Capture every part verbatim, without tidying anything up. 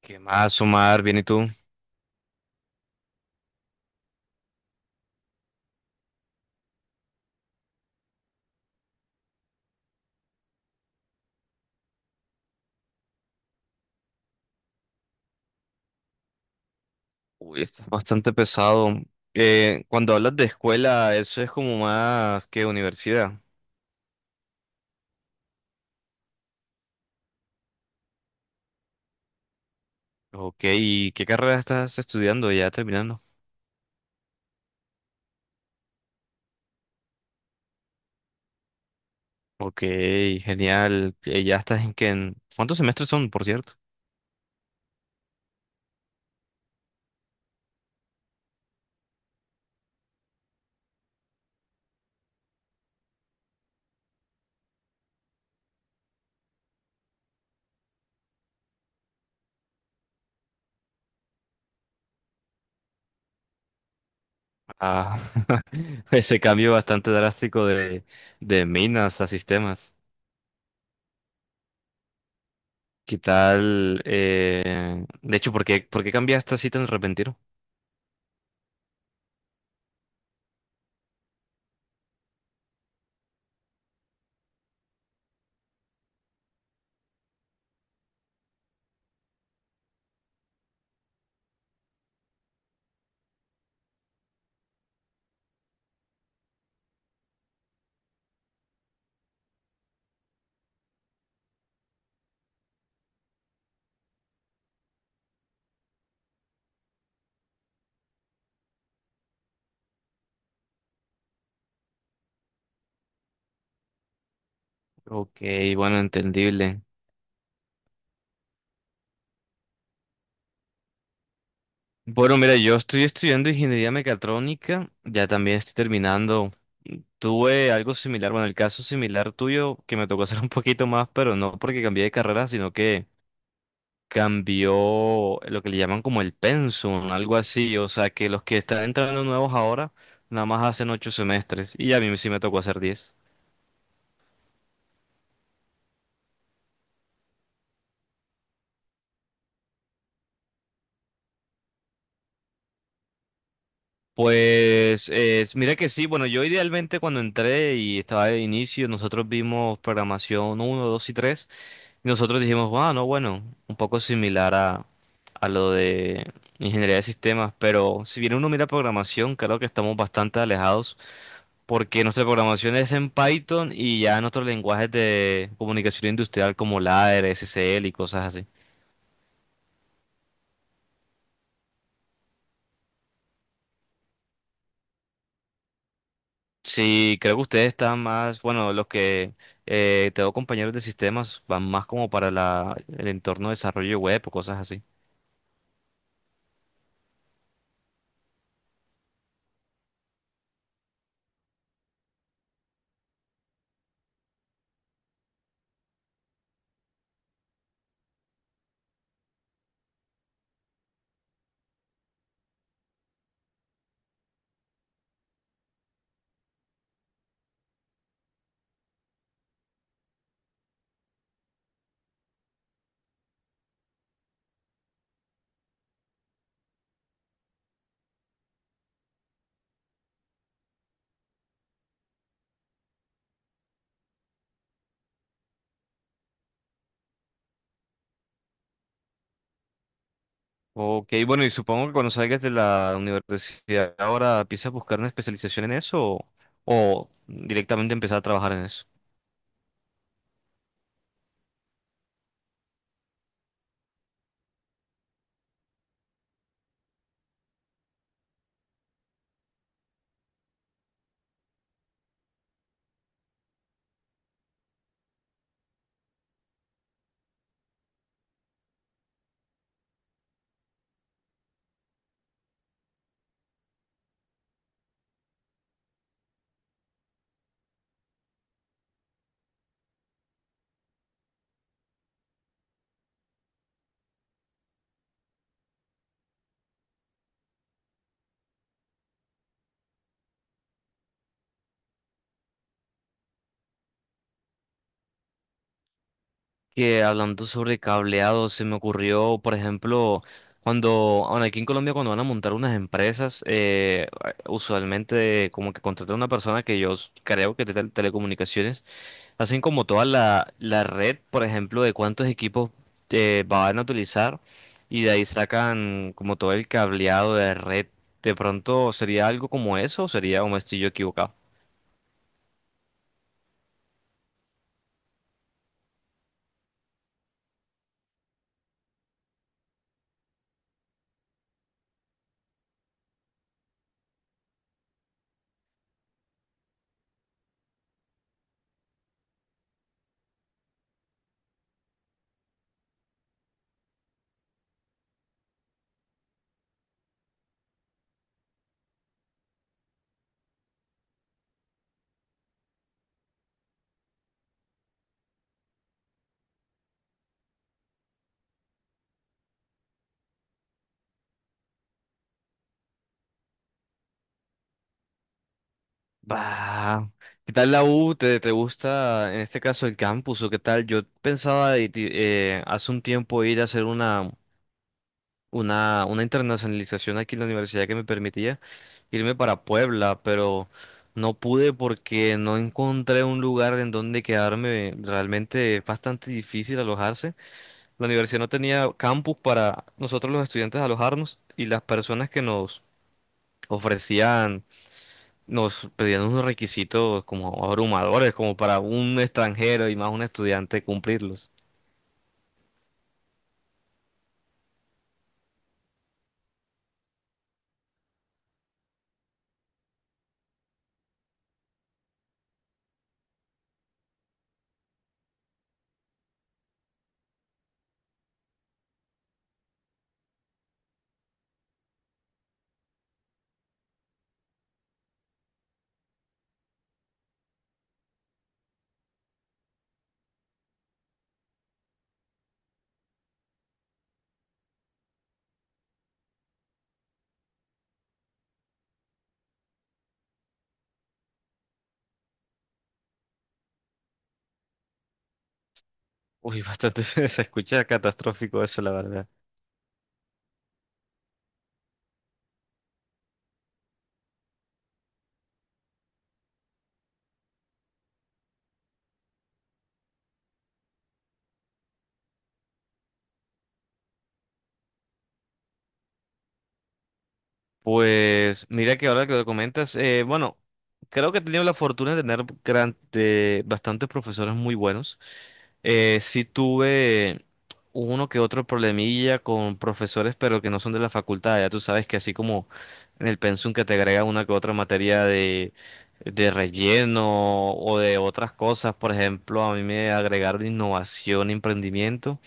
¿Qué más, Omar? Bien, ¿y tú? Uy, estás bastante pesado. Eh, cuando hablas de escuela, eso es como más que universidad. Ok, ¿y qué carrera estás estudiando? Ya terminando. Ok, genial. Eh, ¿Ya estás en qué? en- ¿Cuántos semestres son, por cierto? Ah, ese cambio bastante drástico de, de minas a sistemas. ¿Qué tal? eh, De hecho, ¿por qué, por qué cambiaste así tan repentino? Ok, bueno, entendible. Bueno, mira, yo estoy estudiando ingeniería mecatrónica, ya también estoy terminando. Tuve algo similar, bueno, el caso similar tuyo, que me tocó hacer un poquito más, pero no porque cambié de carrera, sino que cambió lo que le llaman como el pensum, algo así. O sea, que los que están entrando nuevos ahora, nada más hacen ocho semestres, y a mí sí me tocó hacer diez. Pues eh, mira que sí, bueno, yo idealmente cuando entré y estaba de inicio, nosotros vimos programación uno, dos y tres. Y nosotros dijimos, ah, no, bueno, un poco similar a, a, lo de ingeniería de sistemas, pero si bien uno mira programación, creo que estamos bastante alejados porque nuestra programación es en Python y ya en otros lenguajes de comunicación industrial como L A D E R, S S L y cosas así. Sí, creo que ustedes están más, bueno, los que eh, tengo compañeros de sistemas van más como para la, el entorno de desarrollo web o cosas así. Ok, bueno, y supongo que cuando salgas de la universidad ahora empiezas a buscar una especialización en eso o, o directamente empezar a trabajar en eso. Que hablando sobre cableado, se me ocurrió, por ejemplo, cuando, bueno, aquí en Colombia cuando van a montar unas empresas, eh, usualmente como que contratan a una persona que yo s- creo que es de tele- telecomunicaciones. Hacen como toda la, la red, por ejemplo, de cuántos equipos eh, van a utilizar y de ahí sacan como todo el cableado de red. De pronto sería algo como eso, o sería un estoy yo equivocado. Bah, ¿qué tal la U? ¿Te, te gusta en este caso el campus o qué tal? Yo pensaba de ti- eh, hace un tiempo ir a hacer una, una, una internacionalización aquí en la universidad que me permitía irme para Puebla, pero no pude porque no encontré un lugar en donde quedarme. Realmente es bastante difícil alojarse. La universidad no tenía campus para nosotros los estudiantes alojarnos y las personas que nos ofrecían, nos pedían unos requisitos como abrumadores, como para un extranjero y más un estudiante cumplirlos. Uy, bastante, se escucha catastrófico eso, la verdad. Pues mira que ahora que lo comentas, eh, bueno, creo que he tenido la fortuna de tener gran- de bastantes profesores muy buenos. Eh, sí tuve uno que otro problemilla con profesores, pero que no son de la facultad. Ya tú sabes que así como en el pensum que te agrega una que otra materia de, de, relleno o de otras cosas, por ejemplo, a mí me agregaron innovación, emprendimiento.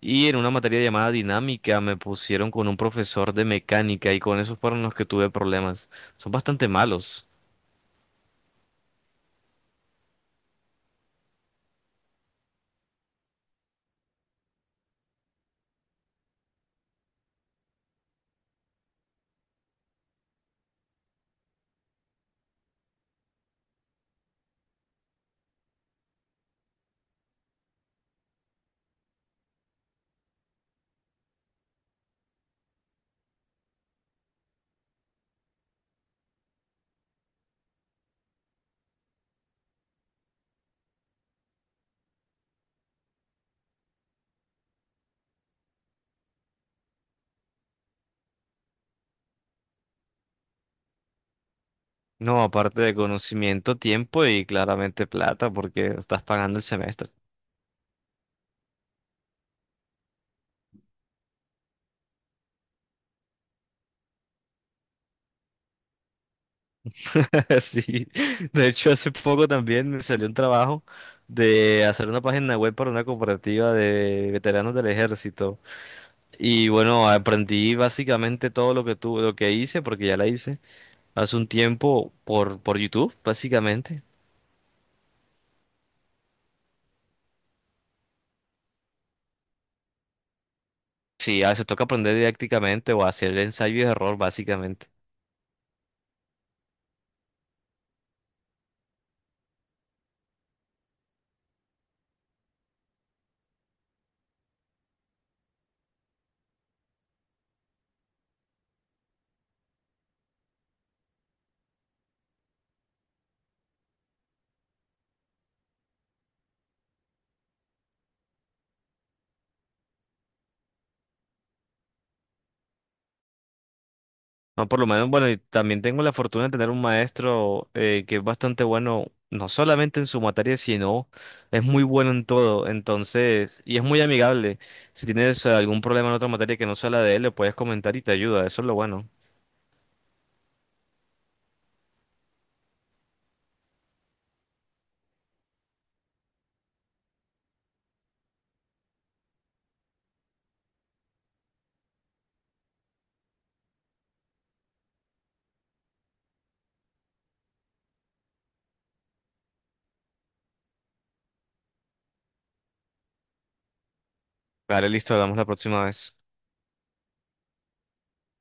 Y en una materia llamada dinámica me pusieron con un profesor de mecánica y con esos fueron los que tuve problemas. Son bastante malos. No, aparte de conocimiento, tiempo y claramente plata, porque estás pagando el semestre. Sí. De hecho, hace poco también me salió un trabajo de hacer una página web para una cooperativa de veteranos del ejército. Y bueno, aprendí básicamente todo lo que tu- lo que hice, porque ya la hice hace un tiempo por, por, YouTube, básicamente. Sí, a veces toca aprender didácticamente o hacer ensayo y error, básicamente. No, por lo menos, bueno, y también tengo la fortuna de tener un maestro eh, que es bastante bueno, no solamente en su materia, sino es muy bueno en todo. Entonces, y es muy amigable. Si tienes eh, algún problema en otra materia que no sea la de él, le puedes comentar y te ayuda. Eso es lo bueno. Vale, listo, hablamos la próxima vez.